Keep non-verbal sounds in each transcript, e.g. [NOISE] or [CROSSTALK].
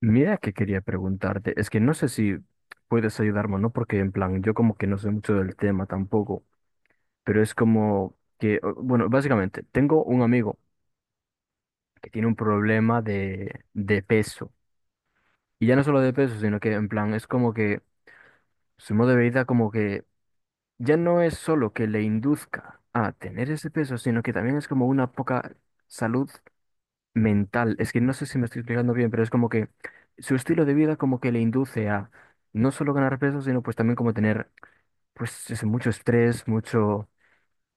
Mira que quería preguntarte, es que no sé si puedes ayudarme o no, porque en plan, yo como que no sé mucho del tema tampoco, pero es como que, bueno, básicamente, tengo un amigo que tiene un problema de peso, y ya no solo de peso, sino que en plan, es como que su modo de vida como que ya no es solo que le induzca a tener ese peso, sino que también es como una poca salud mental. Es que no sé si me estoy explicando bien, pero es como que su estilo de vida como que le induce a no solo ganar peso, sino pues también como tener pues eso, mucho estrés, mucho...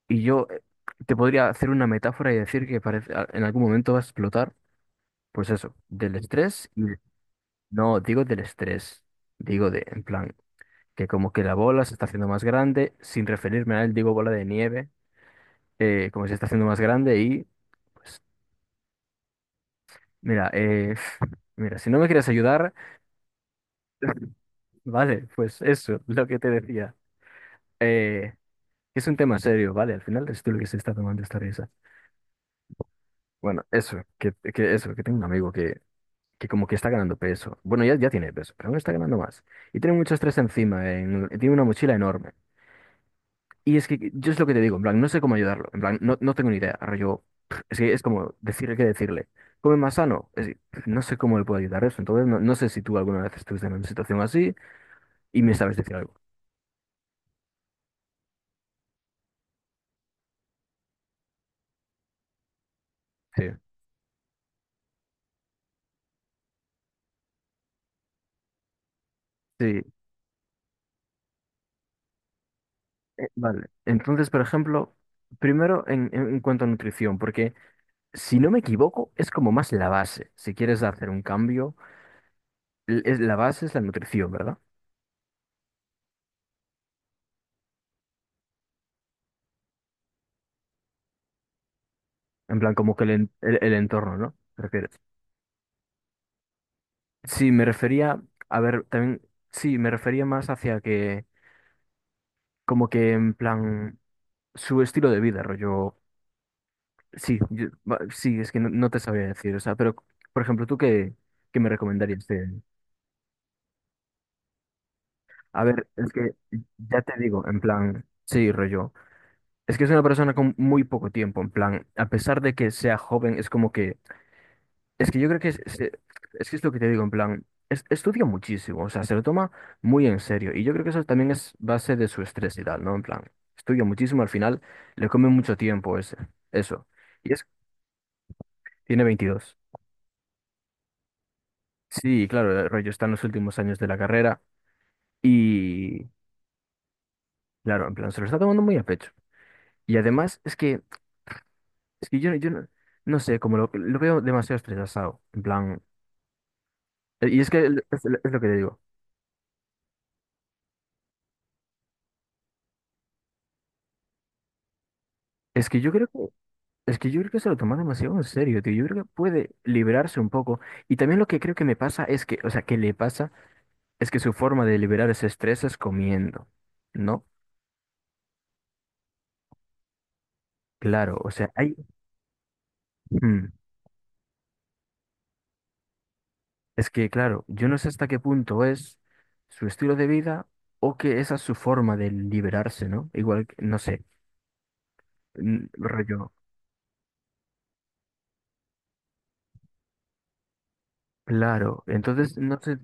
Y yo te podría hacer una metáfora y decir que parece, en algún momento va a explotar, pues eso, del estrés y... No, digo del estrés, digo de, en plan, que como que la bola se está haciendo más grande, sin referirme a él, digo bola de nieve, como se está haciendo más grande y pues mira, [LAUGHS] mira, si no me quieres ayudar... Vale, pues eso, lo que te decía. Eh, es un tema serio, ¿vale? Al final es tú lo que se está tomando esta risa. Bueno, eso, que eso, que tengo un amigo que como que está ganando peso. Bueno, ya tiene peso, pero aún está ganando más. Y tiene mucho estrés encima, tiene una mochila enorme. Y es que yo es lo que te digo, en plan, no sé cómo ayudarlo. En plan, no, no tengo ni idea. Yo, [SMACKS LIPS] es que es como decirle qué decirle. Come más sano. Es que, [SMACKS LIPS] no sé cómo le puedo ayudar eso. Entonces, no, no sé si tú alguna vez estuviste en una situación así y me sabes decir algo. Sí. Sí, vale, entonces, por ejemplo, primero en cuanto a nutrición, porque si no me equivoco, es como más la base. Si quieres hacer un cambio, es, la base es la nutrición, ¿verdad? En plan, como que el entorno, ¿no? ¿Te refieres? Sí, me refería, a ver, también, sí, me refería más hacia que, como que en plan, su estilo de vida, rollo. Sí, sí, es que no, no te sabía decir, o sea, pero, por ejemplo, ¿tú qué, qué me recomendarías? A ver, es que ya te digo, en plan, sí, rollo. Es que es una persona con muy poco tiempo, en plan, a pesar de que sea joven, es como que, es que yo creo que es que es lo que te digo, en plan, estudia muchísimo, o sea, se lo toma muy en serio, y yo creo que eso también es base de su estrés y tal, ¿no? En plan, estudia muchísimo, al final le come mucho tiempo ese, eso, y es, tiene 22. Sí, claro, el rollo está en los últimos años de la carrera, y claro, en plan, se lo está tomando muy a pecho, y además es que yo no, no sé, como lo veo demasiado estresado, en plan... Y es que es lo que te digo. Es que yo creo que, es que yo creo que se lo toman demasiado en serio, tío. Yo creo que puede liberarse un poco. Y también lo que creo que me pasa es que, o sea, que le pasa es que su forma de liberar ese estrés es comiendo, ¿no? Claro, o sea, hay, mm, es que, claro, yo no sé hasta qué punto es su estilo de vida o que esa es su forma de liberarse, ¿no? Igual, no sé, rollo. Claro, entonces no sé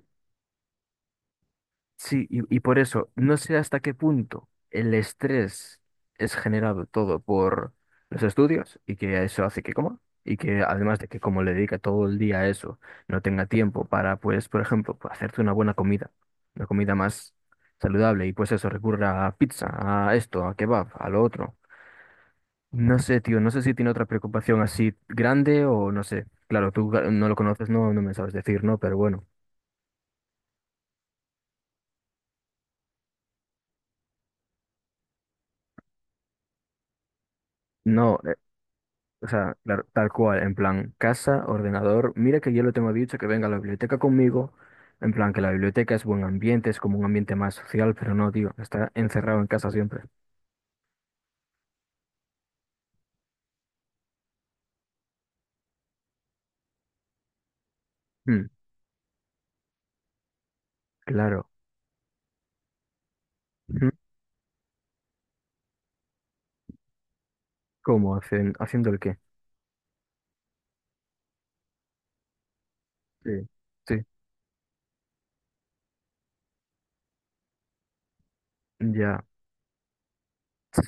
sí, y por eso, no sé hasta qué punto el estrés es generado todo por los estudios y que eso hace que coma y que además de que como le dedica todo el día a eso, no tenga tiempo para, pues, por ejemplo, pues, hacerte una buena comida, una comida más saludable y pues eso, recurra a pizza, a esto, a kebab, a lo otro. No sé, tío, no sé si tiene otra preocupación así grande o no sé. Claro, tú claro, no lo conoces, no, no me sabes decir, ¿no? Pero bueno. No, o sea, claro, tal cual, en plan, casa, ordenador. Mira que yo le tengo dicho que venga a la biblioteca conmigo. En plan, que la biblioteca es buen ambiente, es como un ambiente más social, pero no, tío, está encerrado en casa siempre. Mm, claro. Mm, ¿cómo? ¿Hacen, haciendo el qué? Sí. Sí, ya.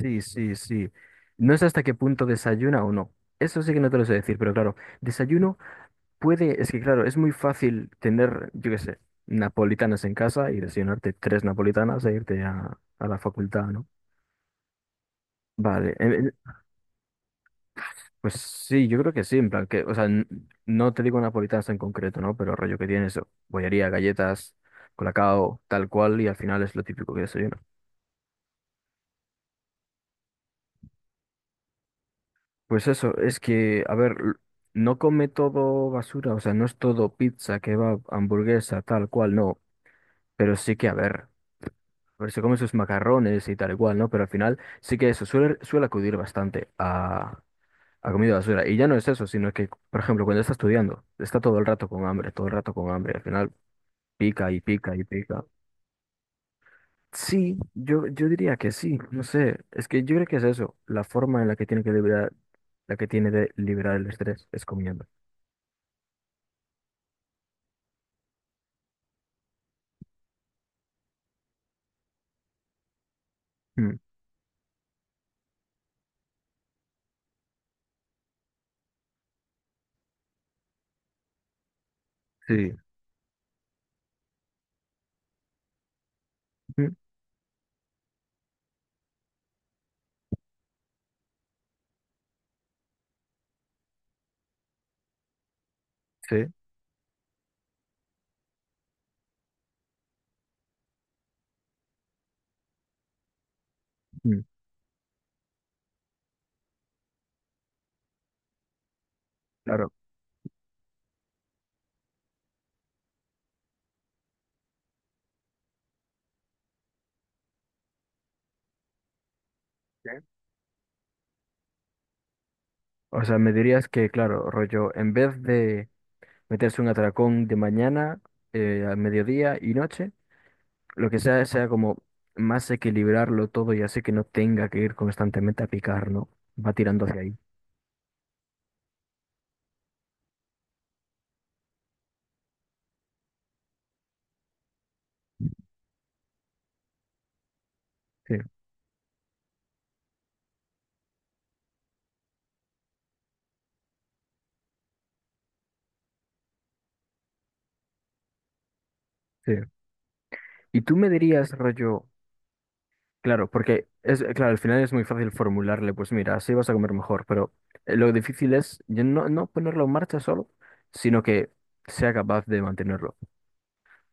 Sí, sí, sí. No sé hasta qué punto desayuna o no. Eso sí que no te lo sé decir, pero claro, desayuno puede, es que claro, es muy fácil tener, yo qué sé, napolitanas en casa y desayunarte tres napolitanas e irte a la facultad, ¿no? Vale, pues sí, yo creo que sí, en plan que, o sea, no te digo napolitanas en concreto, ¿no? Pero rollo que tienes bollería, galletas, colacao, tal cual, y al final es lo típico que desayuno. Pues eso, es que, a ver, no come todo basura, o sea, no es todo pizza, kebab, hamburguesa, tal cual, no, pero sí que, a ver, se come sus macarrones y tal y cual, ¿no? Pero al final sí que eso suele, suele acudir bastante ha comido basura. Y ya no es eso, sino que, por ejemplo, cuando está estudiando, está todo el rato con hambre, todo el rato con hambre. Al final pica y pica y pica. Sí, yo diría que sí, no sé. Es que yo creo que es eso, la forma en la que tiene que liberar, la que tiene de liberar el estrés es comiendo. Mm, sí, mm, sí, mm, claro. Sí. O sea, me dirías que, claro, rollo, en vez de meterse un atracón de mañana, al mediodía y noche, lo que sea, sea como más equilibrarlo todo y así que no tenga que ir constantemente a picar, ¿no? Va tirando hacia ahí. Sí, sí. Y tú me dirías, rollo, claro, porque es, claro, al final es muy fácil formularle, pues mira, así vas a comer mejor, pero lo difícil es ya no, no ponerlo en marcha solo, sino que sea capaz de mantenerlo.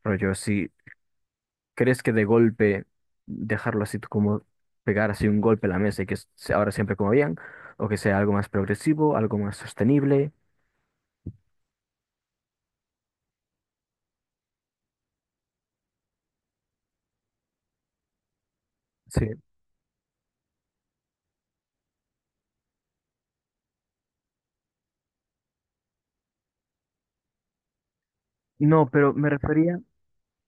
Rollo, si crees que de golpe dejarlo así tú como pegar así un golpe a la mesa y que ahora siempre como bien, o que sea algo más progresivo, algo más sostenible. Sí. No, pero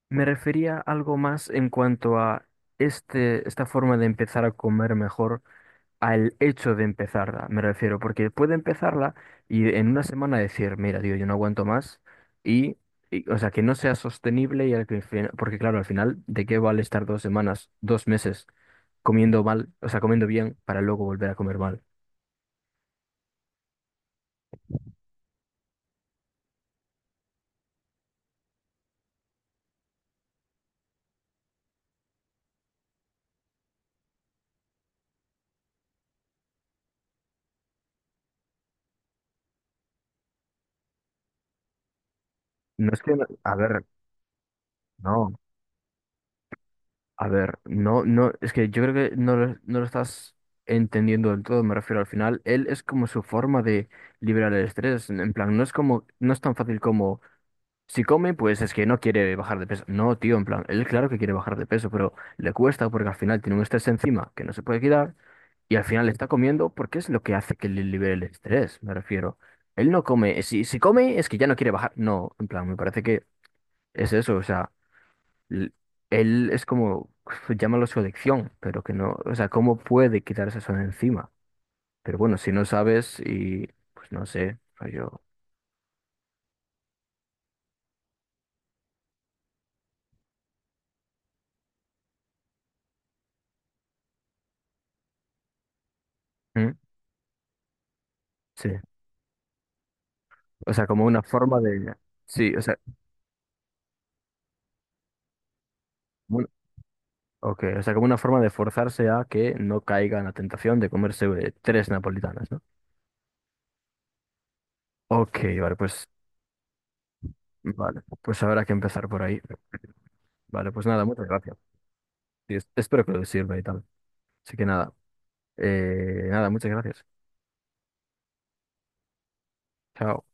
me refería a algo más en cuanto a esta forma de empezar a comer mejor, al hecho de empezarla, me refiero, porque puede empezarla y en una semana decir, mira, tío, yo no aguanto más y, y, o sea, que no sea sostenible y al que porque claro, al final, ¿de qué vale estar dos semanas, dos meses comiendo mal, o sea, comiendo bien para luego volver a comer mal? No es que, a ver, no. A ver, no, no, es que yo creo que no lo estás entendiendo del todo, me refiero al final, él es como su forma de liberar el estrés, en plan, no es como, no es tan fácil como, si come, pues es que no quiere bajar de peso, no, tío, en plan, él claro que quiere bajar de peso, pero le cuesta porque al final tiene un estrés encima que no se puede quitar y al final está comiendo porque es lo que hace que le libere el estrés, me refiero. Él no come, si come es que ya no quiere bajar, no, en plan, me parece que es eso, o sea l- él es como, [LAUGHS] llámalo su adicción, pero que no, o sea, ¿cómo puede quitarse eso de encima? Pero bueno, si no sabes y, pues no sé, yo, ¿mm? Sí, o sea, como una forma de, sí, o sea, bueno, ok, o sea, como una forma de forzarse a que no caiga en la tentación de comerse tres napolitanas, ¿no? Ok, vale, pues habrá que empezar por ahí. Vale, pues nada, muchas gracias. Y espero que lo sirva y tal. Así que nada, nada, muchas gracias. Chao.